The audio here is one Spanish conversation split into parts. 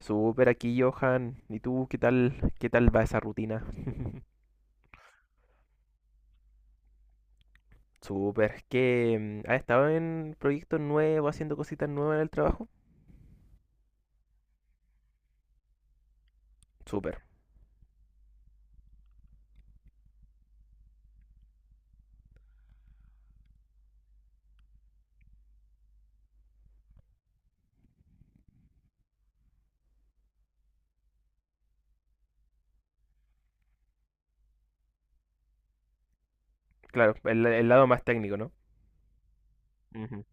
Súper aquí, Johan. ¿Y tú qué tal va esa rutina? Súper. Has estado en proyectos nuevos, haciendo cositas nuevas en el trabajo. Súper. Claro, el lado más técnico, ¿no? Ujú.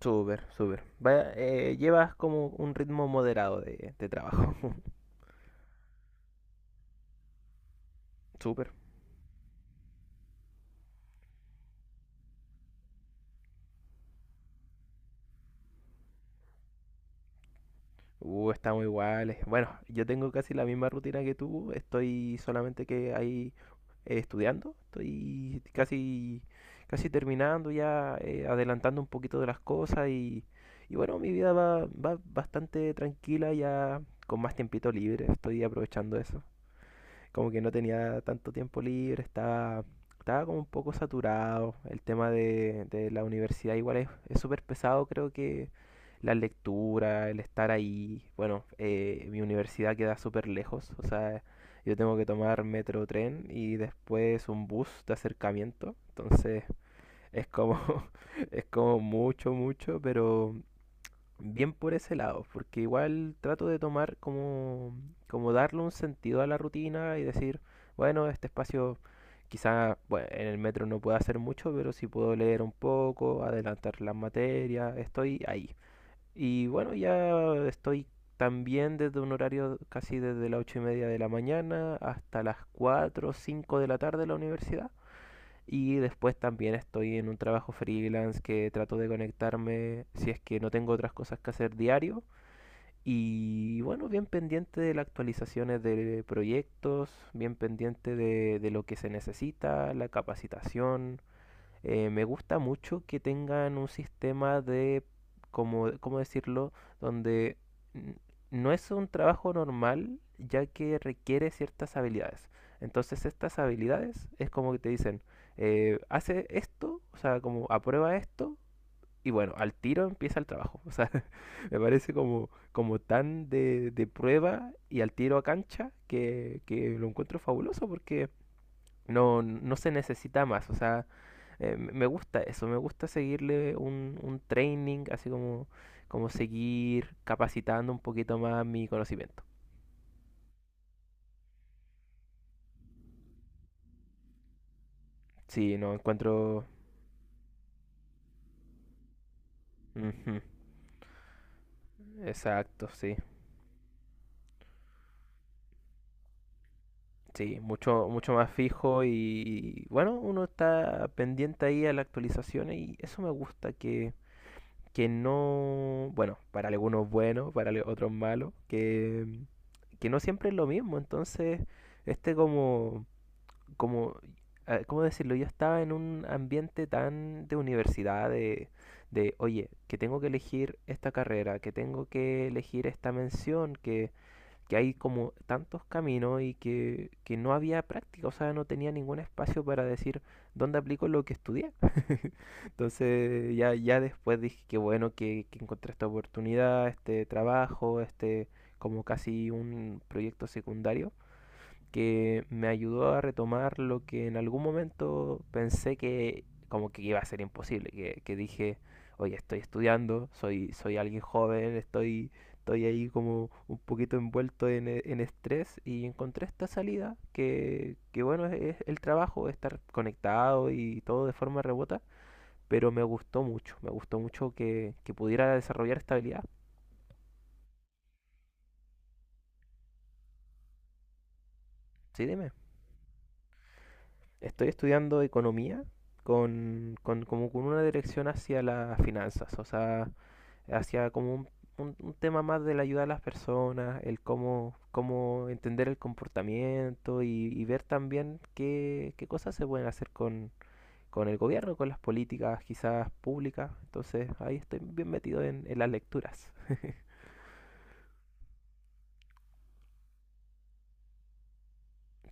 Súper, súper. Vaya, llevas como un ritmo moderado de trabajo. Súper. Estamos iguales. Bueno, yo tengo casi la misma rutina que tú. Estoy solamente que hay estudiando, casi terminando ya, adelantando un poquito de las cosas y bueno, mi vida va bastante tranquila ya con más tiempito libre, estoy aprovechando eso como que no tenía tanto tiempo libre, estaba como un poco saturado. El tema de la universidad igual es súper pesado, creo que la lectura, el estar ahí. Bueno, mi universidad queda súper lejos, o sea, yo tengo que tomar metro tren y después un bus de acercamiento. Entonces es como, es como mucho, mucho, pero bien por ese lado, porque igual trato de tomar como darle un sentido a la rutina y decir, bueno, este espacio quizá bueno, en el metro no pueda hacer mucho, pero sí puedo leer un poco, adelantar las materias, estoy ahí. Y bueno, ya estoy también desde un horario casi desde las 8:30 de la mañana hasta las 4 o 5 de la tarde en la universidad. Y después también estoy en un trabajo freelance que trato de conectarme si es que no tengo otras cosas que hacer diario. Y bueno, bien pendiente de las actualizaciones de proyectos, bien pendiente de lo que se necesita, la capacitación, me gusta mucho que tengan un sistema de, como, ¿cómo decirlo? Donde n- no es un trabajo normal, ya que requiere ciertas habilidades. Entonces estas habilidades es como que te dicen, hace esto, o sea, como aprueba esto, y bueno, al tiro empieza el trabajo. O sea, me parece como, como tan de prueba y al tiro a cancha que lo encuentro fabuloso porque no, no se necesita más, o sea, me gusta eso, me gusta seguirle un training, así como, como seguir capacitando un poquito más mi conocimiento. Sí, no encuentro... Ujú. Exacto, sí. Sí, mucho, mucho más fijo y bueno, uno está pendiente ahí a las actualizaciones y eso me gusta que no, bueno, para algunos bueno, otros malo, que no siempre es lo mismo, entonces este como como, ¿cómo decirlo? Yo estaba en un ambiente tan de universidad, de, oye, que tengo que elegir esta carrera, que tengo que elegir esta mención, que hay como tantos caminos y que no había práctica, o sea, no tenía ningún espacio para decir dónde aplico lo que estudié. Entonces, ya después dije que bueno que encontré esta oportunidad, este trabajo, este como casi un proyecto secundario que me ayudó a retomar lo que en algún momento pensé que como que iba a ser imposible, que dije, oye, estoy estudiando, soy alguien joven, estoy, estoy ahí como un poquito envuelto en estrés y encontré esta salida que bueno, es el trabajo, estar conectado y todo de forma remota, pero me gustó mucho que pudiera desarrollar esta habilidad. Sí, dime. Estoy estudiando economía con, como con una dirección hacia las finanzas, o sea, hacia como un, un tema más de la ayuda a las personas, el cómo, cómo entender el comportamiento y ver también qué, qué cosas se pueden hacer con el gobierno, con las políticas quizás públicas. Entonces ahí estoy bien metido en las lecturas.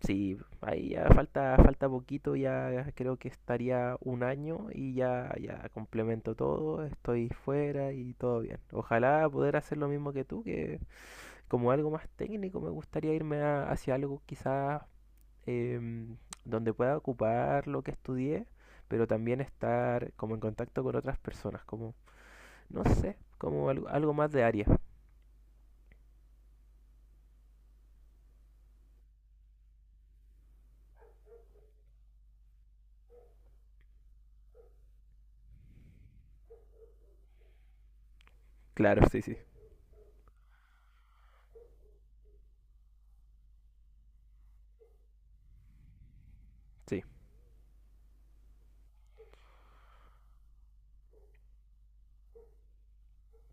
Sí, ahí ya falta, falta poquito, ya creo que estaría un año y ya, ya complemento todo, estoy fuera y todo bien. Ojalá poder hacer lo mismo que tú, que como algo más técnico me gustaría hacia algo quizás em, donde pueda ocupar lo que estudié, pero también estar como en contacto con otras personas, como, no sé, como algo, algo más de área. Claro, sí, sí. Sí,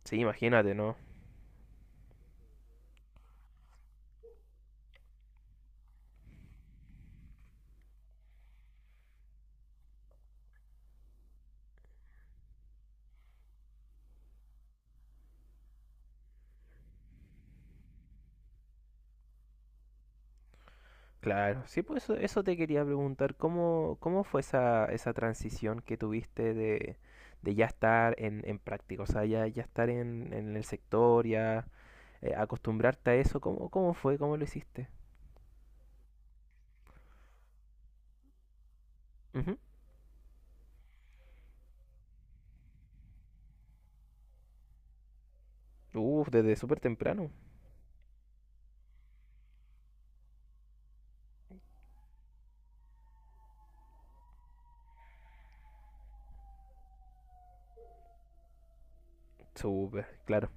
sí, imagínate, ¿no? Claro, sí, pues eso te quería preguntar, ¿cómo, cómo fue esa, esa transición que tuviste de ya estar en práctica, o sea, ya, ya estar en el sector, ya acostumbrarte a eso, ¿cómo, cómo fue, cómo lo hiciste? Ujú. Uf, desde súper temprano, súper, claro.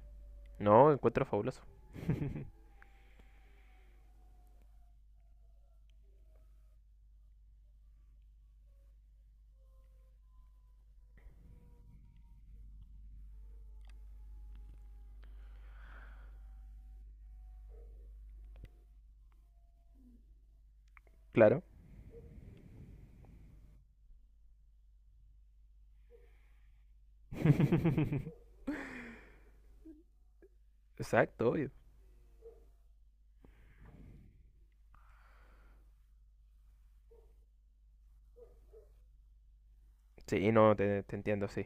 No, encuentro fabuloso, claro. Exacto, obvio. Sí, no, te entiendo, sí.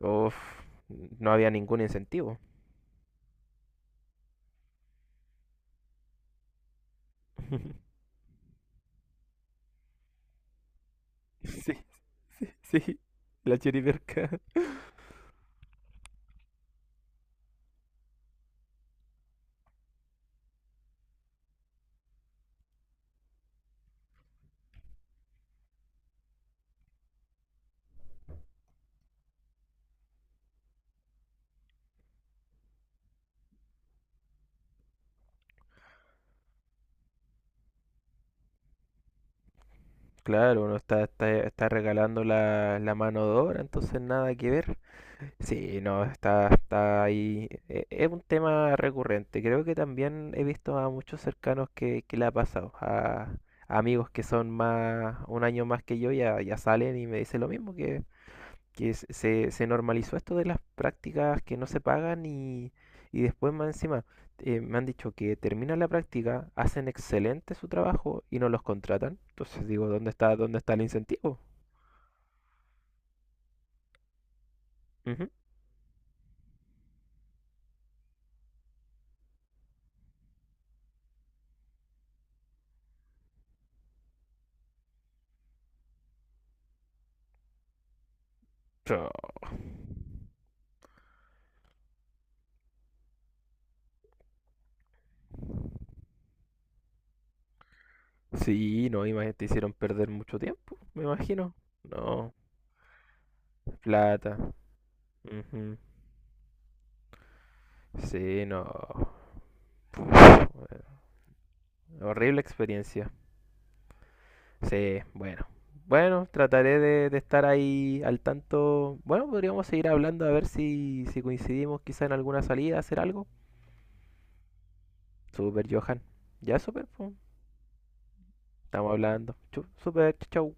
Uf, no había ningún incentivo. Sí, sí, sí, la chiriberca. Claro, uno está, está, está regalando la, la mano de obra, entonces nada que ver. Sí, no, está, está ahí. Es un tema recurrente. Creo que también he visto a muchos cercanos que le ha pasado. A amigos que son más, un año más que yo ya, ya salen y me dicen lo mismo, que se, se normalizó esto de las prácticas que no se pagan y después más encima me han dicho que terminan la práctica, hacen excelente su trabajo y no los contratan. Entonces digo, dónde está el incentivo? Ujú. Pero... Sí, no, imagínate, te hicieron perder mucho tiempo, me imagino. No, plata. Ujú. Sí, no. Puf, bueno, horrible experiencia. Sí, bueno. Bueno, trataré de estar ahí al tanto. Bueno, podríamos seguir hablando a ver si, si coincidimos quizá en alguna salida, hacer algo. Super, Johan. Ya, super, po. Estamos hablando. Super, chau.